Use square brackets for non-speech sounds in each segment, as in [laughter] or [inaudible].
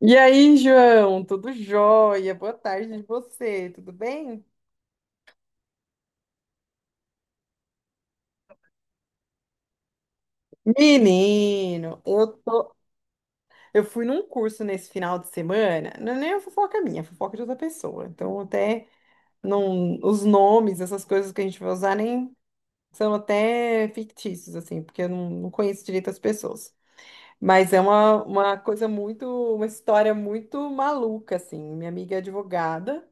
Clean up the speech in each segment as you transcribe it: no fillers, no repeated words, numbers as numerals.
E aí, João, tudo jóia? Boa tarde de você, tudo bem? Menino, eu tô. Eu fui num curso nesse final de semana, não é nem a fofoca minha, é a fofoca de outra pessoa. Então, até não, os nomes, essas coisas que a gente vai usar, nem são até fictícios, assim, porque eu não conheço direito as pessoas. Mas é uma coisa muito, uma história muito maluca, assim. Minha amiga é advogada.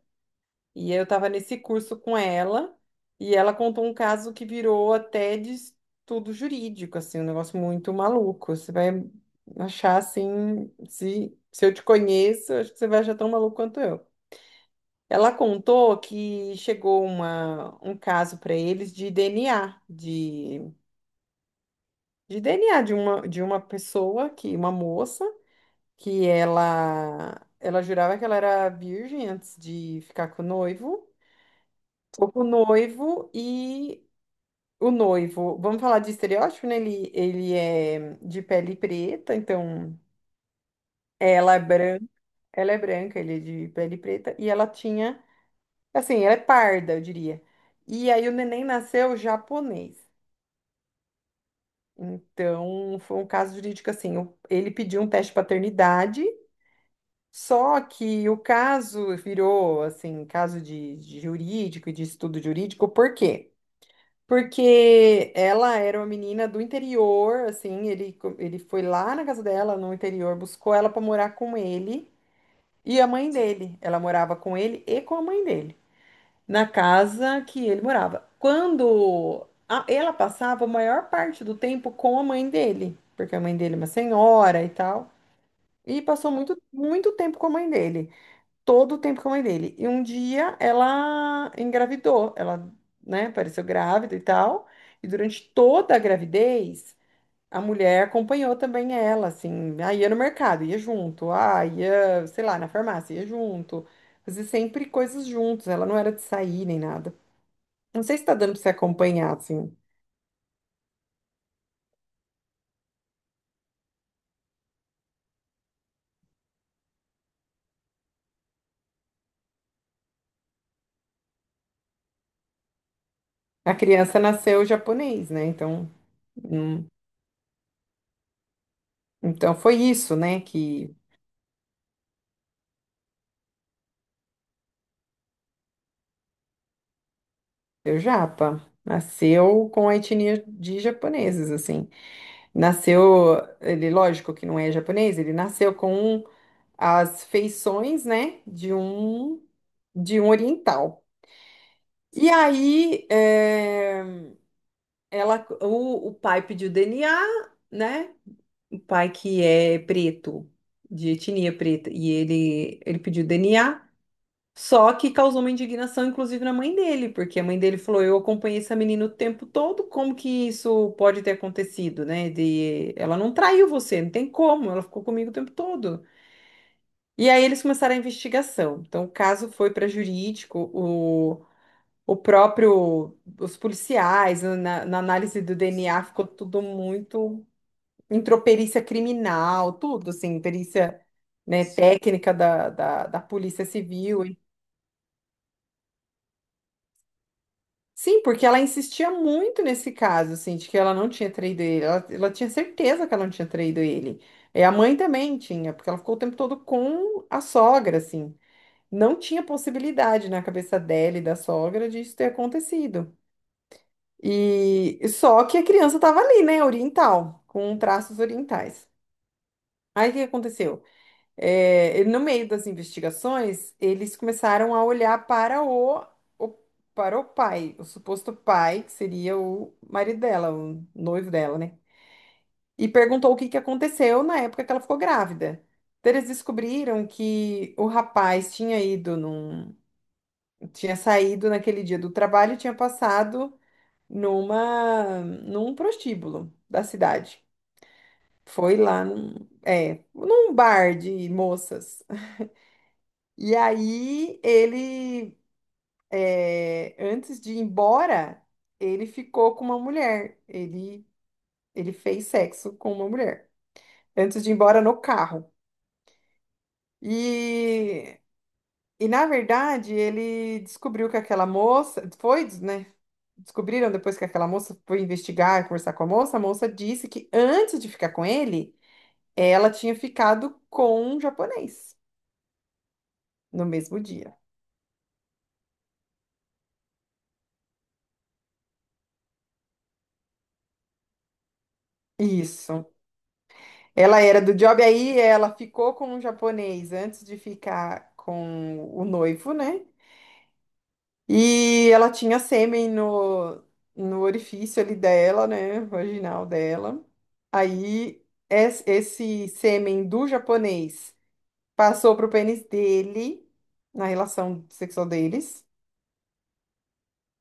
E eu estava nesse curso com ela, e ela contou um caso que virou até de estudo jurídico, assim, um negócio muito maluco. Você vai achar assim, se eu te conheço, acho que você vai achar tão maluco quanto eu. Ela contou que chegou uma, um caso para eles de DNA, de DNA de uma pessoa, que uma moça, que ela jurava que ela era virgem antes de ficar com o noivo. Ficou com o noivo e o noivo, vamos falar de estereótipo, né? Ele é de pele preta, então ela é branca, ela é branca, ele é de pele preta, e ela tinha, assim, ela é parda, eu diria. E aí o neném nasceu japonês. Então, foi um caso jurídico assim, ele pediu um teste de paternidade, só que o caso virou, assim, caso de jurídico e de estudo jurídico, por quê? Porque ela era uma menina do interior, assim, ele foi lá na casa dela, no interior, buscou ela para morar com ele e a mãe dele. Ela morava com ele e com a mãe dele, na casa que ele morava. Ela passava a maior parte do tempo com a mãe dele, porque a mãe dele é uma senhora e tal, e passou muito, muito tempo com a mãe dele todo o tempo com a mãe dele. E um dia ela engravidou, ela, né, apareceu grávida e tal. E durante toda a gravidez, a mulher acompanhou também ela, assim, ia no mercado, ia junto, ia, sei lá, na farmácia, ia junto. Fazia sempre coisas juntos, ela não era de sair nem nada. Não sei se tá dando pra você acompanhar, assim. A criança nasceu japonês, né? Então, hum, então foi isso, né, que deu japa. Nasceu com a etnia de japoneses, assim. Nasceu, ele, lógico que não é japonês, ele nasceu com as feições, né, de um oriental. E aí, ela, o pai pediu DNA, né? O pai que é preto, de etnia preta, e ele pediu DNA. Só que causou uma indignação, inclusive, na mãe dele, porque a mãe dele falou: Eu acompanhei essa menina o tempo todo, como que isso pode ter acontecido, né? De... Ela não traiu você, não tem como, ela ficou comigo o tempo todo. E aí eles começaram a investigação. Então o caso foi para jurídico, o próprio, os policiais, na análise do DNA, ficou tudo muito. Entrou perícia criminal, tudo, assim, perícia, né, técnica da Polícia Civil. Sim, porque ela insistia muito nesse caso, assim, de que ela não tinha traído ele. Ela tinha certeza que ela não tinha traído ele. E a mãe também tinha, porque ela ficou o tempo todo com a sogra, assim. Não tinha possibilidade na cabeça dela e da sogra de isso ter acontecido. E só que a criança estava ali, né, oriental, com traços orientais. Aí o que aconteceu? No meio das investigações, eles começaram a olhar para o- para o pai, o suposto pai, que seria o marido dela, o noivo dela, né? E perguntou o que que aconteceu na época que ela ficou grávida. Então, eles descobriram que o rapaz tinha ido num, tinha saído naquele dia do trabalho e tinha passado num prostíbulo da cidade. Foi lá num, num bar de moças. E aí ele, antes de ir embora, ele ficou com uma mulher. Ele fez sexo com uma mulher. Antes de ir embora no carro. E, e na verdade, ele descobriu que aquela moça. Foi, né? Descobriram depois que aquela moça foi investigar, conversar com a moça. A moça disse que antes de ficar com ele, ela tinha ficado com um japonês no mesmo dia. Isso. Ela era do job, aí ela ficou com um japonês antes de ficar com o noivo, né? E ela tinha sêmen no orifício ali dela, né? Vaginal dela. Aí esse sêmen do japonês passou pro pênis dele, na relação sexual deles.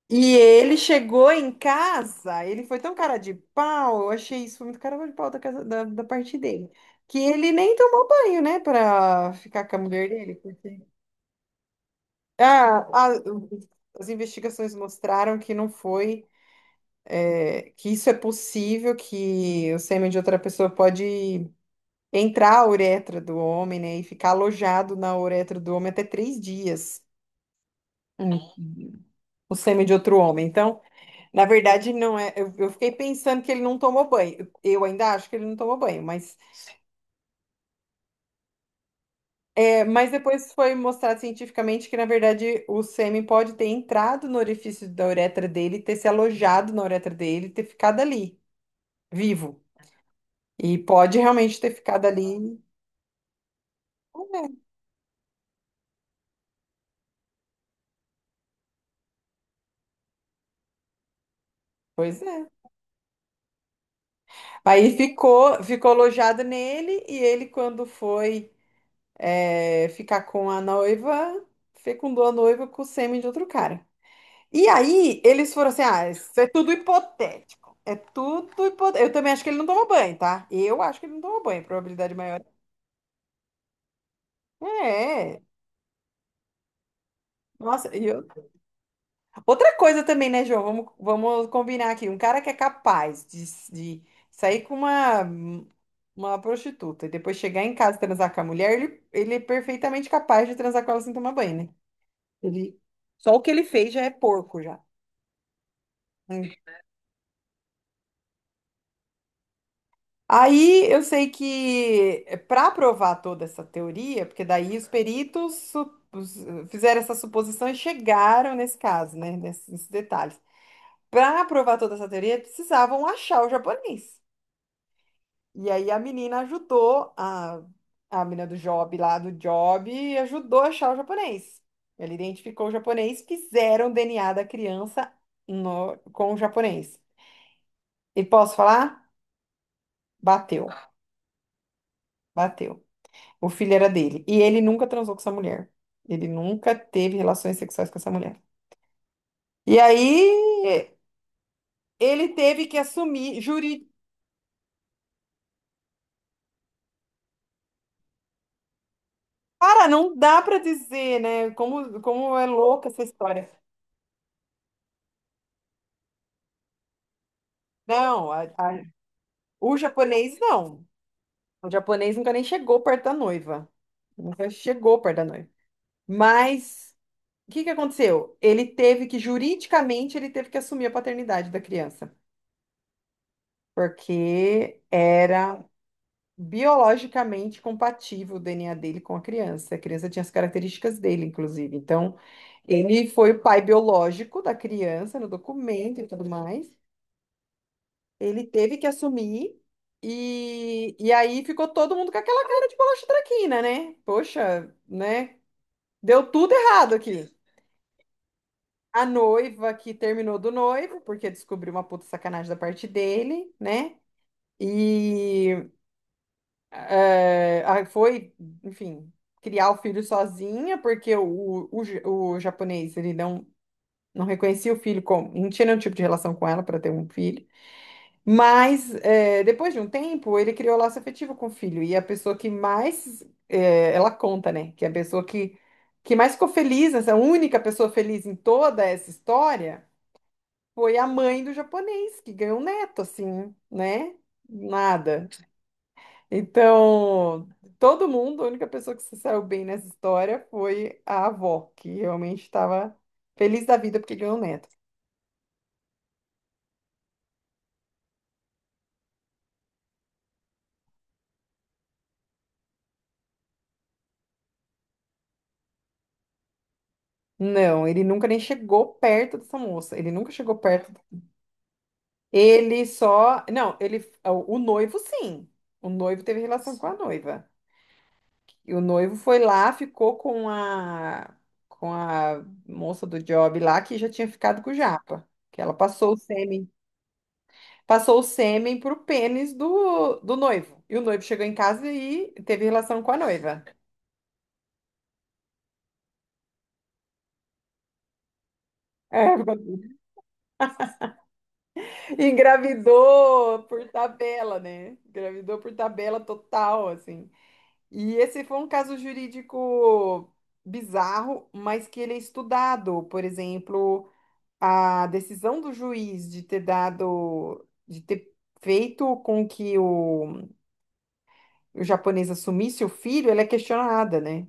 E ele chegou em casa, ele foi tão cara de pau, eu achei isso foi muito cara de pau da parte dele, que ele nem tomou banho, né, pra ficar com a mulher dele, porque... Ah, a- As investigações mostraram que não foi, que isso é possível, que o sêmen de outra pessoa pode entrar a uretra do homem, né, e ficar alojado na uretra do homem até 3 dias, hum, o sêmen de outro homem, então... Na verdade, não é. Eu fiquei pensando que ele não tomou banho. Eu ainda acho que ele não tomou banho, mas, mas depois foi mostrado cientificamente que, na verdade, o sêmen pode ter entrado no orifício da uretra dele, ter se alojado na uretra dele, ter ficado ali, vivo. E pode realmente ter ficado ali. É, pois é. Aí ficou, ficou alojado nele, e ele, quando foi, ficar com a noiva, fecundou a noiva com o sêmen de outro cara. E aí, eles foram assim: ah, isso é tudo hipotético. É tudo hipotético. Eu também acho que ele não tomou banho, tá? Eu acho que ele não tomou banho. Probabilidade maior. É. Nossa, e eu- outra coisa também, né, João? Vamos combinar aqui. Um cara que é capaz de sair com uma prostituta e depois chegar em casa e transar com a mulher, ele é perfeitamente capaz de transar com ela sem tomar banho, né? Ele, só o que ele fez já é porco, já. Né? Aí eu sei que para provar toda essa teoria, porque daí os peritos su- os- fizeram essa suposição e chegaram nesse caso, né, nesses detalhes. Para provar toda essa teoria, precisavam achar o japonês. E aí a menina ajudou a menina do Job lá do Job ajudou a achar o japonês. Ele identificou o japonês, fizeram o DNA da criança com o japonês. E posso falar? Bateu, bateu. O filho era dele. E ele nunca transou com essa mulher. Ele nunca teve relações sexuais com essa mulher. E aí ele teve que assumir juri. Cara, não dá pra dizer, né? Como, como é louca essa história. Não, o japonês não. O japonês nunca nem chegou perto da noiva. Nunca chegou perto da noiva. Mas o que que aconteceu? Ele teve que, juridicamente, ele teve que assumir a paternidade da criança. Porque era biologicamente compatível o DNA dele com a criança. A criança tinha as características dele, inclusive. Então, ele foi o pai biológico da criança no documento e tudo mais. Ele teve que assumir. E aí ficou todo mundo com aquela cara de bolacha traquina, né? Poxa, né? Deu tudo errado aqui. A noiva que terminou do noivo, porque descobriu uma puta sacanagem da parte dele, né? E foi, enfim, criar o filho sozinha, porque o japonês, ele não, não reconhecia o filho, como, não tinha nenhum tipo de relação com ela para ter um filho. Mas, é, depois de um tempo, ele criou laço afetivo com o filho. E a pessoa que mais, é, ela conta, né? Que é a pessoa que mais ficou feliz, essa única pessoa feliz em toda essa história, foi a mãe do japonês, que ganhou um neto, assim, né? Nada. Então, todo mundo, a única pessoa que se saiu bem nessa história foi a avó, que realmente estava feliz da vida porque ganhou um neto. Não, ele nunca nem chegou perto dessa moça. Ele nunca chegou perto. Ele só. Não, ele. O noivo, sim. O noivo teve relação com a noiva. E o noivo foi lá, ficou com a. Com a moça do job lá, que já tinha ficado com o Japa. Que ela passou o sêmen passou o sêmen pro pênis do noivo. E o noivo chegou em casa e teve relação com a noiva. É, [laughs] engravidou por tabela, né? Engravidou por tabela total, assim. E esse foi um caso jurídico bizarro, mas que ele é estudado. Por exemplo, a decisão do juiz de ter dado, de ter feito com que o japonês assumisse o filho, ela é questionada, né?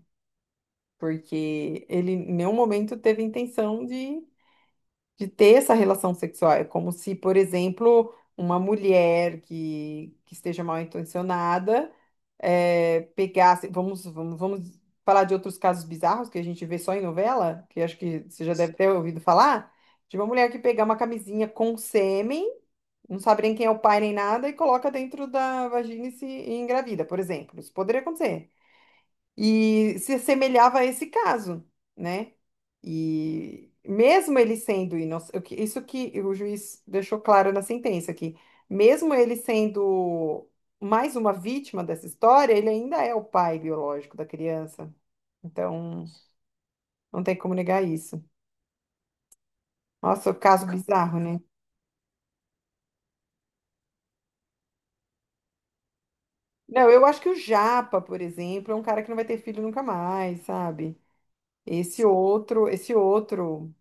Porque ele em nenhum momento teve intenção de ter essa relação sexual. É como se, por exemplo, uma mulher que esteja mal intencionada eh, pegasse. Vamos falar de outros casos bizarros que a gente vê só em novela, que acho que você já deve ter ouvido falar, de uma mulher que pegar uma camisinha com sêmen. Não sabe nem quem é o pai nem nada e coloca dentro da vagina e se e engravida, por exemplo. Isso poderia acontecer. E se assemelhava a esse caso, né? E mesmo ele sendo inocente, isso que o juiz deixou claro na sentença, que mesmo ele sendo mais uma vítima dessa história, ele ainda é o pai biológico da criança. Então, não tem como negar isso. Nossa, caso bizarro, né? Não, eu acho que o Japa, por exemplo, é um cara que não vai ter filho nunca mais, sabe? Esse outro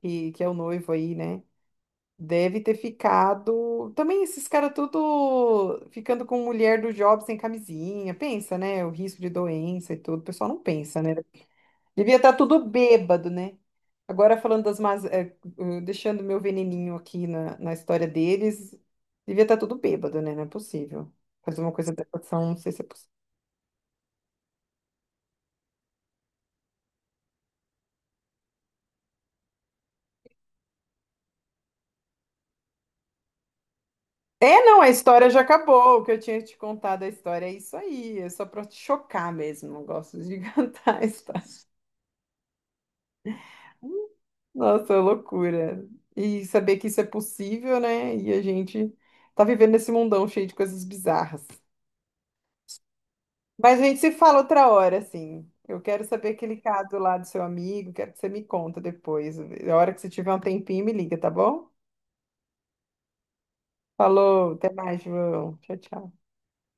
que é o noivo aí, né? Deve ter ficado. Também esses caras tudo ficando com mulher do job sem camisinha. Pensa, né? O risco de doença e tudo. O pessoal não pensa, né? Devia estar tudo bêbado, né? Agora falando das más. Deixando meu veneninho aqui na história deles. Devia estar tudo bêbado, né? Não é possível. Fazer uma coisa dessa, não sei se é possível. É, não, a história já acabou. O que eu tinha te contado a história é isso aí. É só pra te chocar mesmo. Não gosto de [laughs] cantar a história. Nossa, é loucura. E saber que isso é possível, né? E a gente tá vivendo nesse mundão cheio de coisas bizarras. Mas a gente se fala outra hora, assim. Eu quero saber aquele caso lá do seu amigo, quero que você me conta depois. A hora que você tiver um tempinho, me liga, tá bom? Falou, até mais, João. Tchau, tchau.